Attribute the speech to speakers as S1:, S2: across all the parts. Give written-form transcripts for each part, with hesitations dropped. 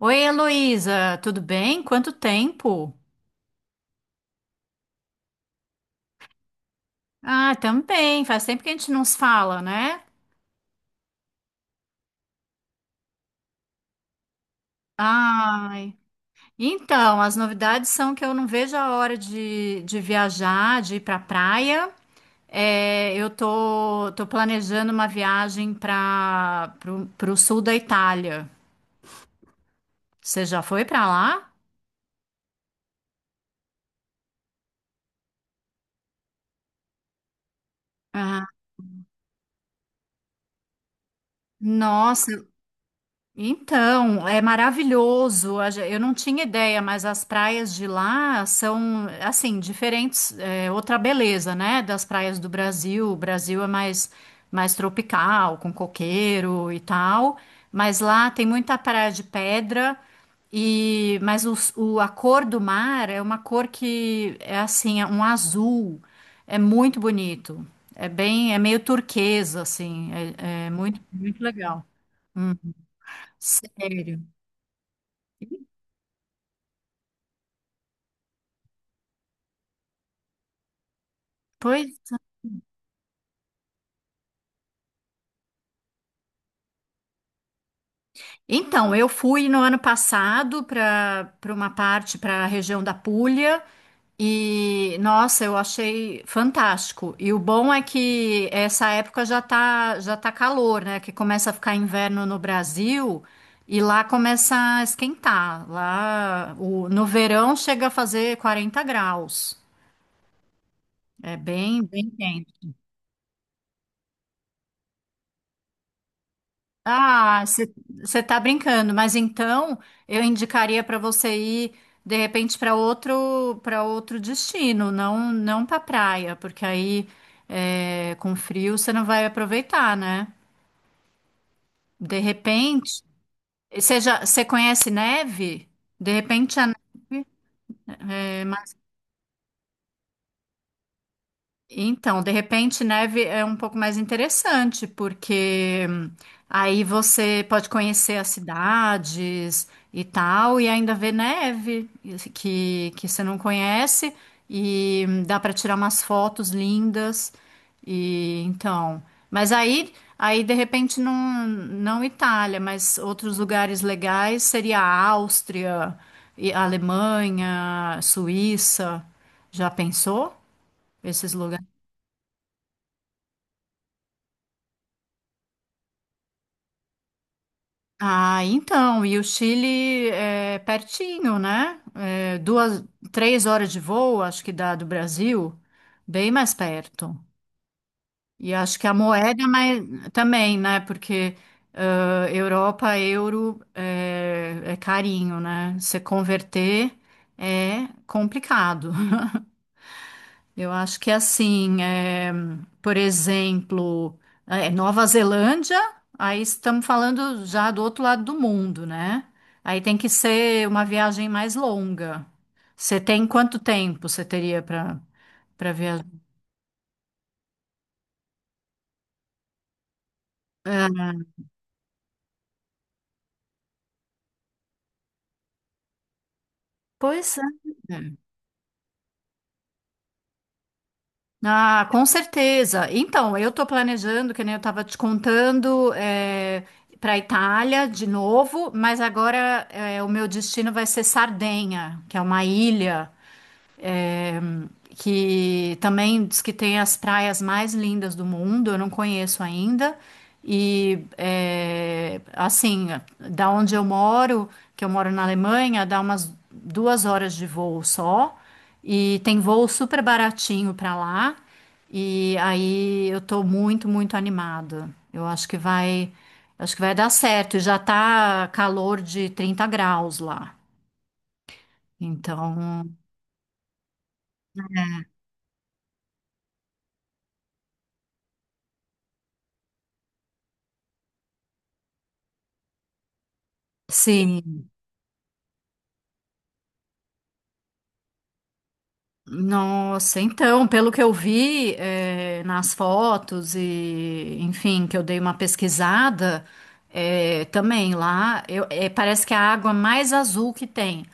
S1: Oi, Heloísa, tudo bem? Quanto tempo? Ah, também. Faz tempo que a gente não se fala, né? Ai. Então, as novidades são que eu não vejo a hora de viajar, de ir pra praia. É, eu tô planejando uma viagem pro sul da Itália. Você já foi para lá? Ah, nossa, então, é maravilhoso. Eu não tinha ideia, mas as praias de lá são, assim, diferentes. É outra beleza, né? Das praias do Brasil. O Brasil é mais tropical, com coqueiro e tal. Mas lá tem muita praia de pedra. E, mas a cor do mar é uma cor que é assim, é um azul. É muito bonito. É meio turquesa, assim. É muito, muito legal. Hum, sério. Pois. Então, eu fui no ano passado para uma parte, para a região da Puglia, e nossa, eu achei fantástico. E o bom é que essa época já tá calor, né? Que começa a ficar inverno no Brasil e lá começa a esquentar. Lá no verão chega a fazer 40 graus. É bem, bem quente. Ah, você está brincando, mas então eu indicaria para você ir de repente para outro destino, não, não para praia, porque aí com frio você não vai aproveitar, né? De repente, você conhece neve? De repente a. Então, de repente, neve é um pouco mais interessante, porque aí você pode conhecer as cidades e tal, e ainda ver neve que você não conhece, e dá para tirar umas fotos lindas. E então, mas aí de repente não, não Itália, mas outros lugares legais seria a Áustria, e a Alemanha, Suíça. Já pensou? Esses lugares? Ah, então, e o Chile é pertinho, né? É, 2, 3 horas de voo, acho que dá do Brasil, bem mais perto. E acho que a moeda é mais, também, né? Porque ah, Europa, euro é carinho, né? Se converter é complicado. Eu acho que é assim, por exemplo, Nova Zelândia, aí estamos falando já do outro lado do mundo, né? Aí tem que ser uma viagem mais longa. Você tem quanto tempo você teria para viajar? É, pois é. Ah, com certeza. Então, eu estou planejando, que nem eu estava te contando, para a Itália de novo, mas agora o meu destino vai ser Sardenha, que é uma ilha. É, que também diz que tem as praias mais lindas do mundo, eu não conheço ainda. E é, assim, da onde eu moro, que eu moro na Alemanha, dá umas 2 horas de voo só, e tem voo super baratinho para lá. E aí eu tô muito, muito animada. Eu acho que vai dar certo. E já tá calor de 30 graus lá. Então, sim. Nossa, então, pelo que eu vi, nas fotos e, enfim, que eu dei uma pesquisada, também lá, parece que é a água mais azul que tem.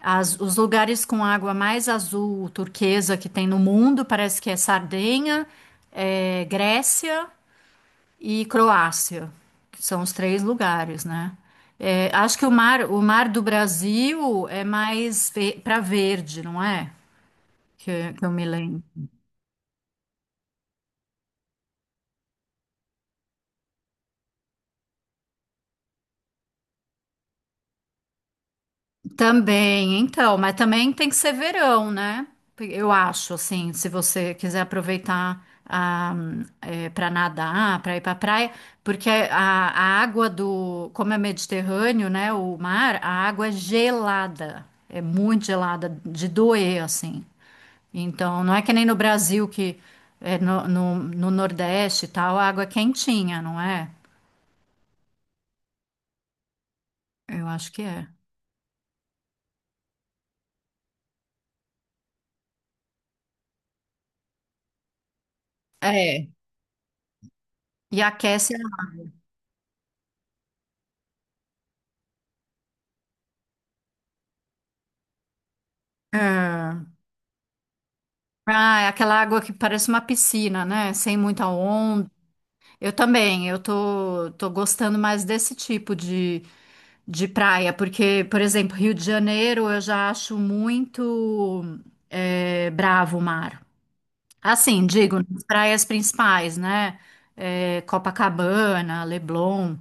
S1: Os lugares com água mais azul turquesa que tem no mundo parece que é Sardenha, Grécia e Croácia, que são os três lugares, né? Acho que o mar do Brasil é mais para verde, não é? Que eu me lembro. Também, então, mas também tem que ser verão, né? Eu acho, assim, se você quiser aproveitar para nadar, para ir para praia, porque a água como é Mediterrâneo, né, o mar, a água é gelada, é muito gelada, de doer, assim. Então, não é que nem no Brasil, que é no Nordeste e tal, a água é quentinha, não é? Eu acho que é. É. E aquece. É. Ah, é aquela água que parece uma piscina, né? Sem muita onda. Eu também, eu tô gostando mais desse tipo de praia, porque, por exemplo, Rio de Janeiro eu já acho muito bravo o mar. Assim, digo, nas praias principais, né? Copacabana, Leblon,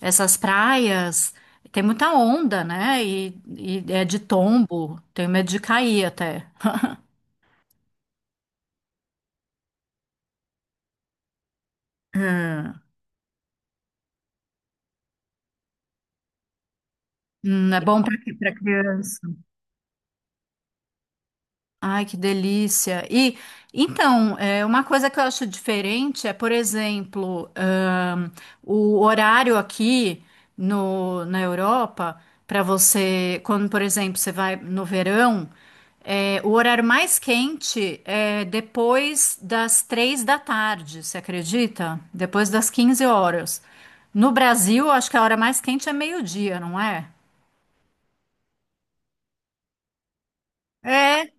S1: essas praias tem muita onda, né? E é de tombo, tenho medo de cair até. É bom para criança. Ai, que delícia. E então, uma coisa que eu acho diferente é, por exemplo, o horário aqui no, na Europa, para você, quando, por exemplo, você vai no verão, o horário mais quente é depois das 3 da tarde, você acredita? Depois das 15 horas. No Brasil, acho que a hora mais quente é meio-dia, não é? É.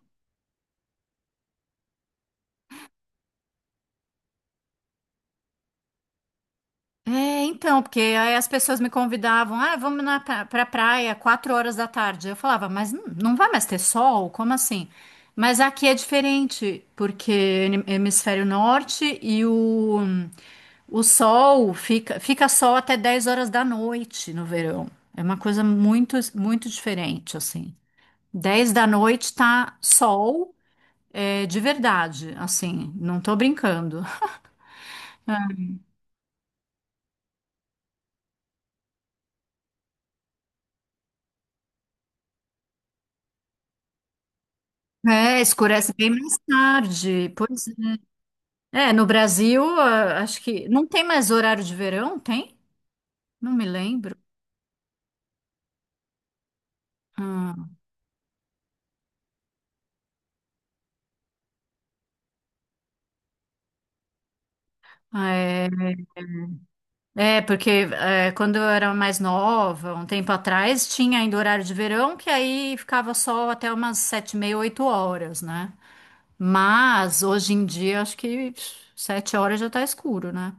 S1: É, então, porque aí as pessoas me convidavam, ah, vamos pra praia, 4 horas da tarde. Eu falava, mas não vai mais ter sol? Como assim? Mas aqui é diferente, porque hemisfério norte e o sol fica sol até 10 horas da noite no verão. É uma coisa muito, muito diferente, assim. Dez da noite tá sol, de verdade, assim, não tô brincando. É, escurece bem mais tarde. Pois é. É, no Brasil, ah, acho que não tem mais horário de verão, tem? Não me lembro. Ah, ah, é, porque quando eu era mais nova, um tempo atrás, tinha ainda horário de verão, que aí ficava sol até umas 7:30, 8 horas, né? Mas hoje em dia, acho que 7 horas já tá escuro, né?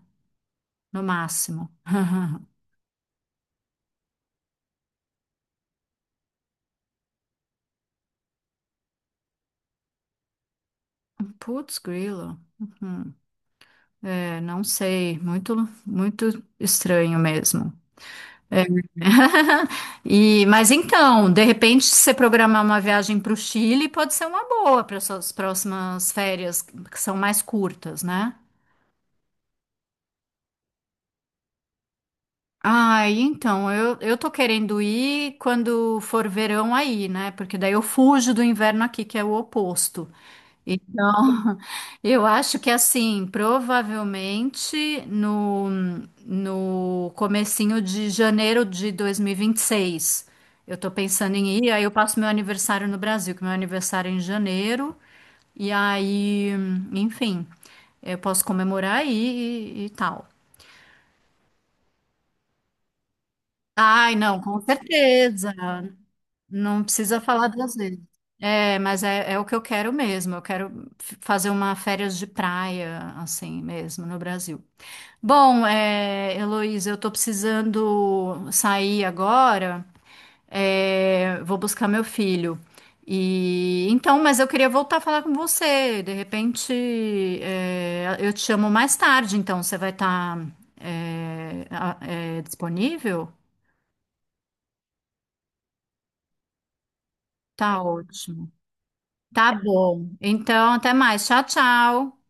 S1: No máximo. Putz, grilo. Uhum. É, não sei, muito, muito estranho mesmo. É. E, mas então, de repente, se você programar uma viagem para o Chile, pode ser uma boa para suas próximas férias, que são mais curtas, né? Ah, então, eu tô querendo ir quando for verão aí, né? Porque daí eu fujo do inverno aqui, que é o oposto. Então, eu acho que assim, provavelmente no comecinho de janeiro de dois mil e vinte e seis eu tô pensando em ir, aí eu passo meu aniversário no Brasil, que meu aniversário é em janeiro, e aí, enfim, eu posso comemorar aí e tal. Ai, não, com certeza. Não precisa falar 2 vezes. É, mas é o que eu quero mesmo. Eu quero fazer uma férias de praia, assim mesmo, no Brasil. Bom, Heloísa, eu tô precisando sair agora. É, vou buscar meu filho. E então, mas eu queria voltar a falar com você. De repente, eu te chamo mais tarde, então você vai estar disponível? Tá ótimo. Tá bom. Então, até mais. Tchau, tchau.